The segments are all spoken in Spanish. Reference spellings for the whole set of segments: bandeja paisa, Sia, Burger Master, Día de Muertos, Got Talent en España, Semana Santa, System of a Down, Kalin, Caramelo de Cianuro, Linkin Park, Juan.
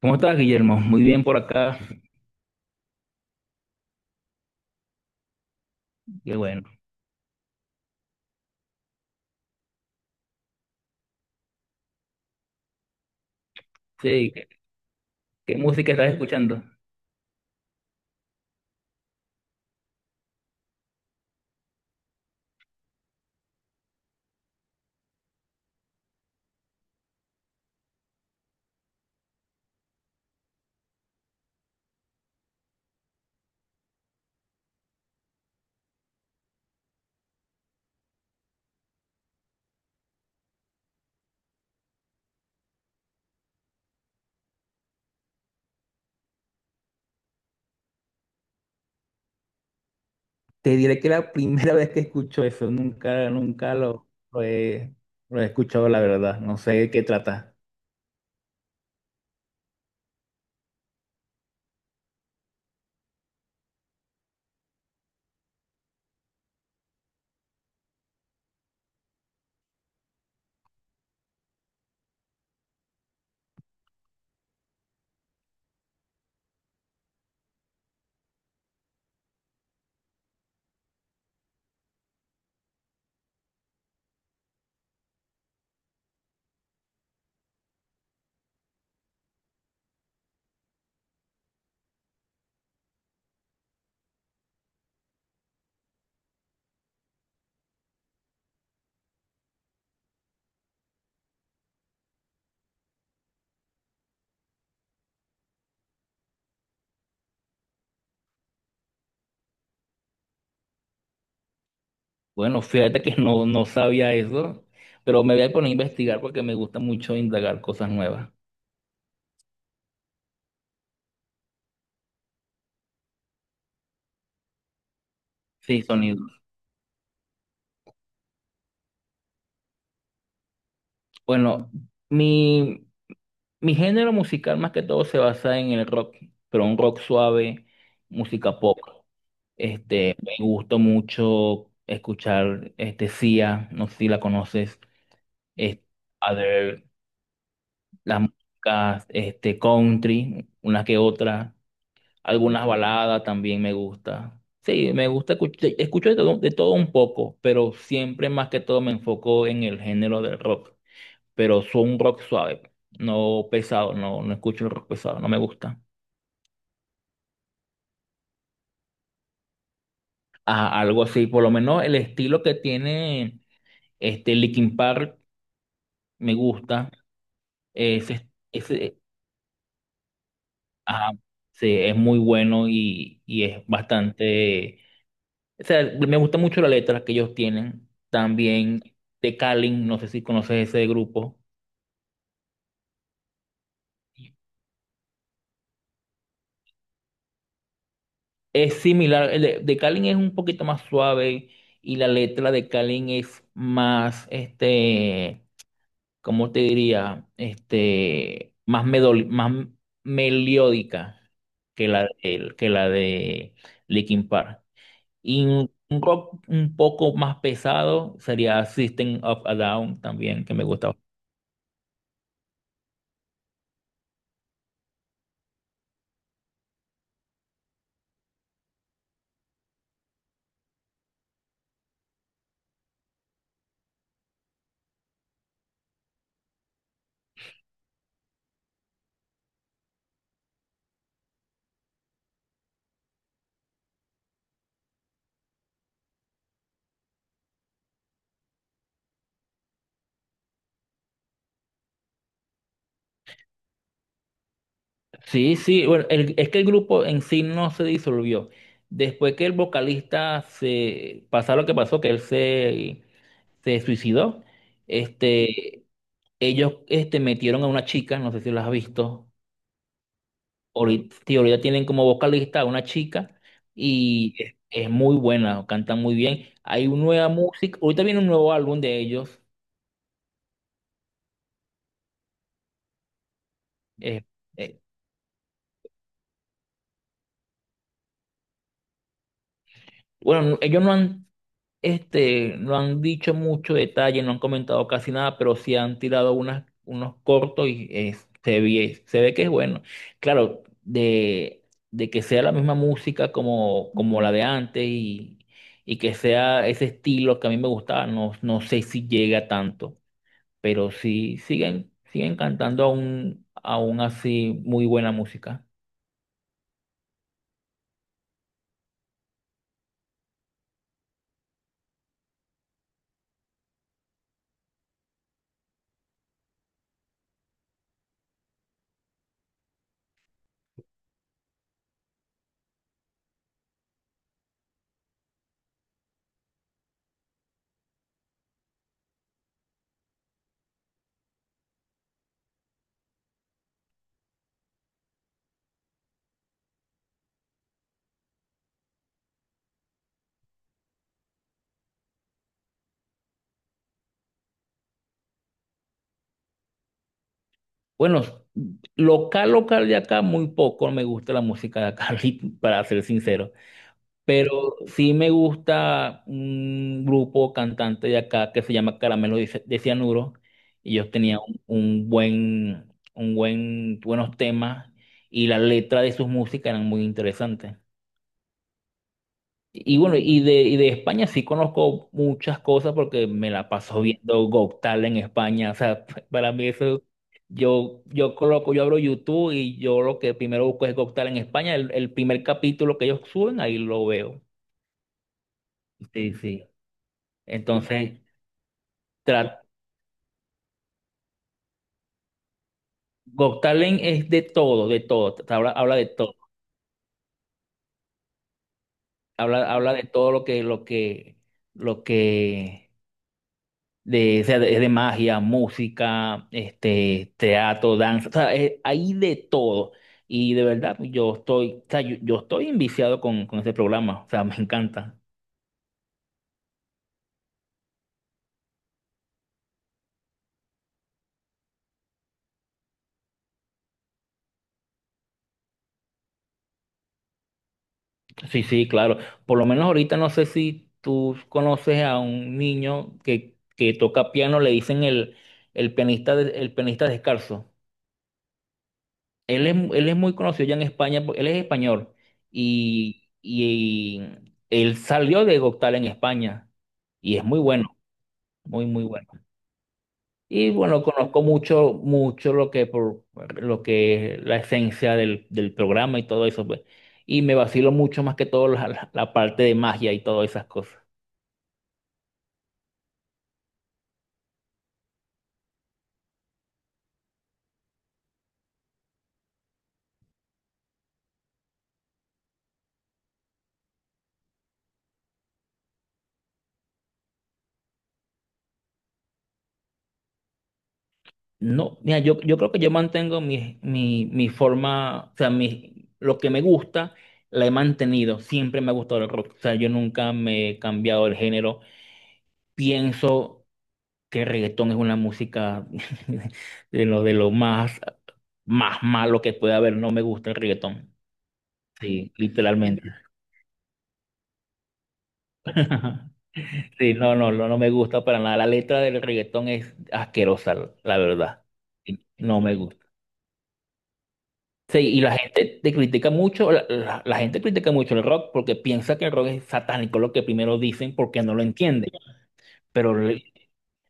¿Cómo estás, Guillermo? Muy bien por acá. Qué bueno. Sí, ¿qué música estás escuchando? Te diré que la primera vez que escucho eso, nunca, nunca, lo he escuchado, la verdad. No sé de qué trata. Bueno, fíjate que no sabía eso, pero me voy a poner a investigar porque me gusta mucho indagar cosas nuevas. Sí, sonidos. Bueno, mi, mi género musical más que todo se basa en el rock, pero un rock suave, música pop. Este, me gustó mucho escuchar este Sia, no sé si la conoces, este, other las músicas este country, una que otra, algunas baladas también me gusta. Sí, me gusta escuchar, escucho de todo un poco, pero siempre más que todo me enfoco en el género del rock, pero soy un rock suave, no pesado, no, no escucho el rock pesado, no me gusta. Ah, algo así, por lo menos el estilo que tiene este Linkin Park me gusta. Ese, ajá, sí, es muy bueno y, es bastante. O sea, me gusta mucho la letra que ellos tienen. También de Kalin, no sé si conoces ese grupo. Es similar, de Kalin es un poquito más suave y la letra de Kalin es más, este, ¿cómo te diría? Este, más, más melódica que la de Linkin Park. Y un rock un poco más pesado sería System of a Down también, que me gustaba. Sí, sí, bueno, es que el grupo en sí no se disolvió. Después que el vocalista se pasó lo que pasó, se suicidó, este, ellos este, metieron a una chica, no sé si lo has visto, ahorita, sí, ahorita tienen como vocalista a una chica y es muy buena, canta muy bien. Hay una nueva música, ahorita viene un nuevo álbum de ellos. eh, eh, Bueno, no- ellos no han, este, no han dicho mucho detalle, no han comentado casi nada, pero sí han tirado unas, unos cortos y se ve que es bueno. Claro, de que sea la misma música como, como la de antes y que sea ese estilo que a mí me gustaba, no, no sé si llega tanto, pero sí siguen, siguen cantando aún, aún así muy buena música. Bueno, local, local de acá, muy poco me gusta la música de acá, para ser sincero. Pero sí me gusta un grupo cantante de acá que se llama Caramelo de Cianuro. Y ellos tenían un, un buen, buenos temas y la letra de sus músicas eran muy interesantes. Y bueno, y de España sí conozco muchas cosas porque me la paso viendo Got Talent en España. O sea, para mí eso, yo coloco, yo abro YouTube y yo lo que primero busco es Got Talent en España. El primer capítulo que ellos suben, ahí lo veo. Sí, sí. Entonces, tra- Got Talent es de todo, de todo. Habla, habla de todo. Habla, habla de todo lo que o sea, de magia, música, este, teatro, danza, o sea, hay de todo. Y de verdad, pues, yo estoy, o sea, yo estoy enviciado con ese programa, o sea, me encanta. Sí, sí, claro. Por lo menos ahorita no sé si tú conoces a un niño que toca piano, le dicen el pianista descalzo. Él es muy conocido ya en España, porque él es español y él salió de Goktal en España y es muy bueno. Muy, muy bueno. Y bueno, conozco mucho, mucho lo que por lo que es la esencia del, del programa y todo eso, pues. Y me vacilo mucho más que todo la parte de magia y todas esas cosas. No, mira, yo creo que yo mantengo mi forma, o sea, mi, lo que me gusta, la he mantenido. Siempre me ha gustado el rock. O sea, yo nunca me he cambiado el género. Pienso que el reggaetón es una música de lo más, más malo que puede haber. No me gusta el reggaetón. Sí, literalmente. Sí, no, no, no, no me gusta para nada. La letra del reggaetón es asquerosa, la verdad. Sí, no me gusta. Sí, y la gente te critica mucho, la gente critica mucho el rock porque piensa que el rock es satánico, lo que primero dicen porque no lo entienden. Pero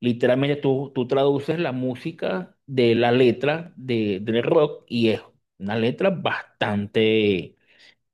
literalmente tú traduces la música de la letra del rock y es una letra bastante,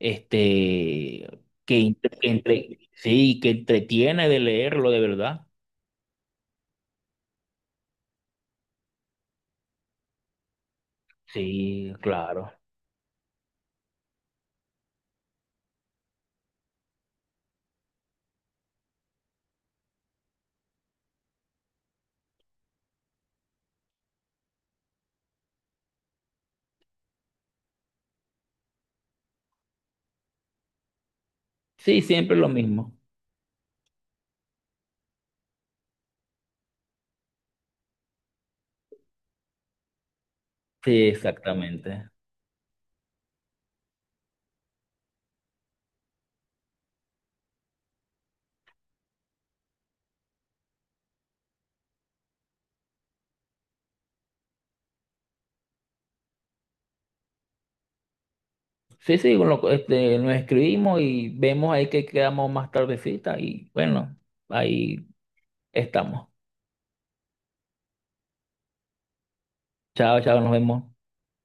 este, sí, que entretiene de leerlo de verdad. Sí, claro. Sí, siempre lo mismo. Sí, exactamente. Sí, sí, este, nos escribimos y vemos ahí que quedamos más tardecita y bueno, ahí estamos. Chao, chao, nos vemos.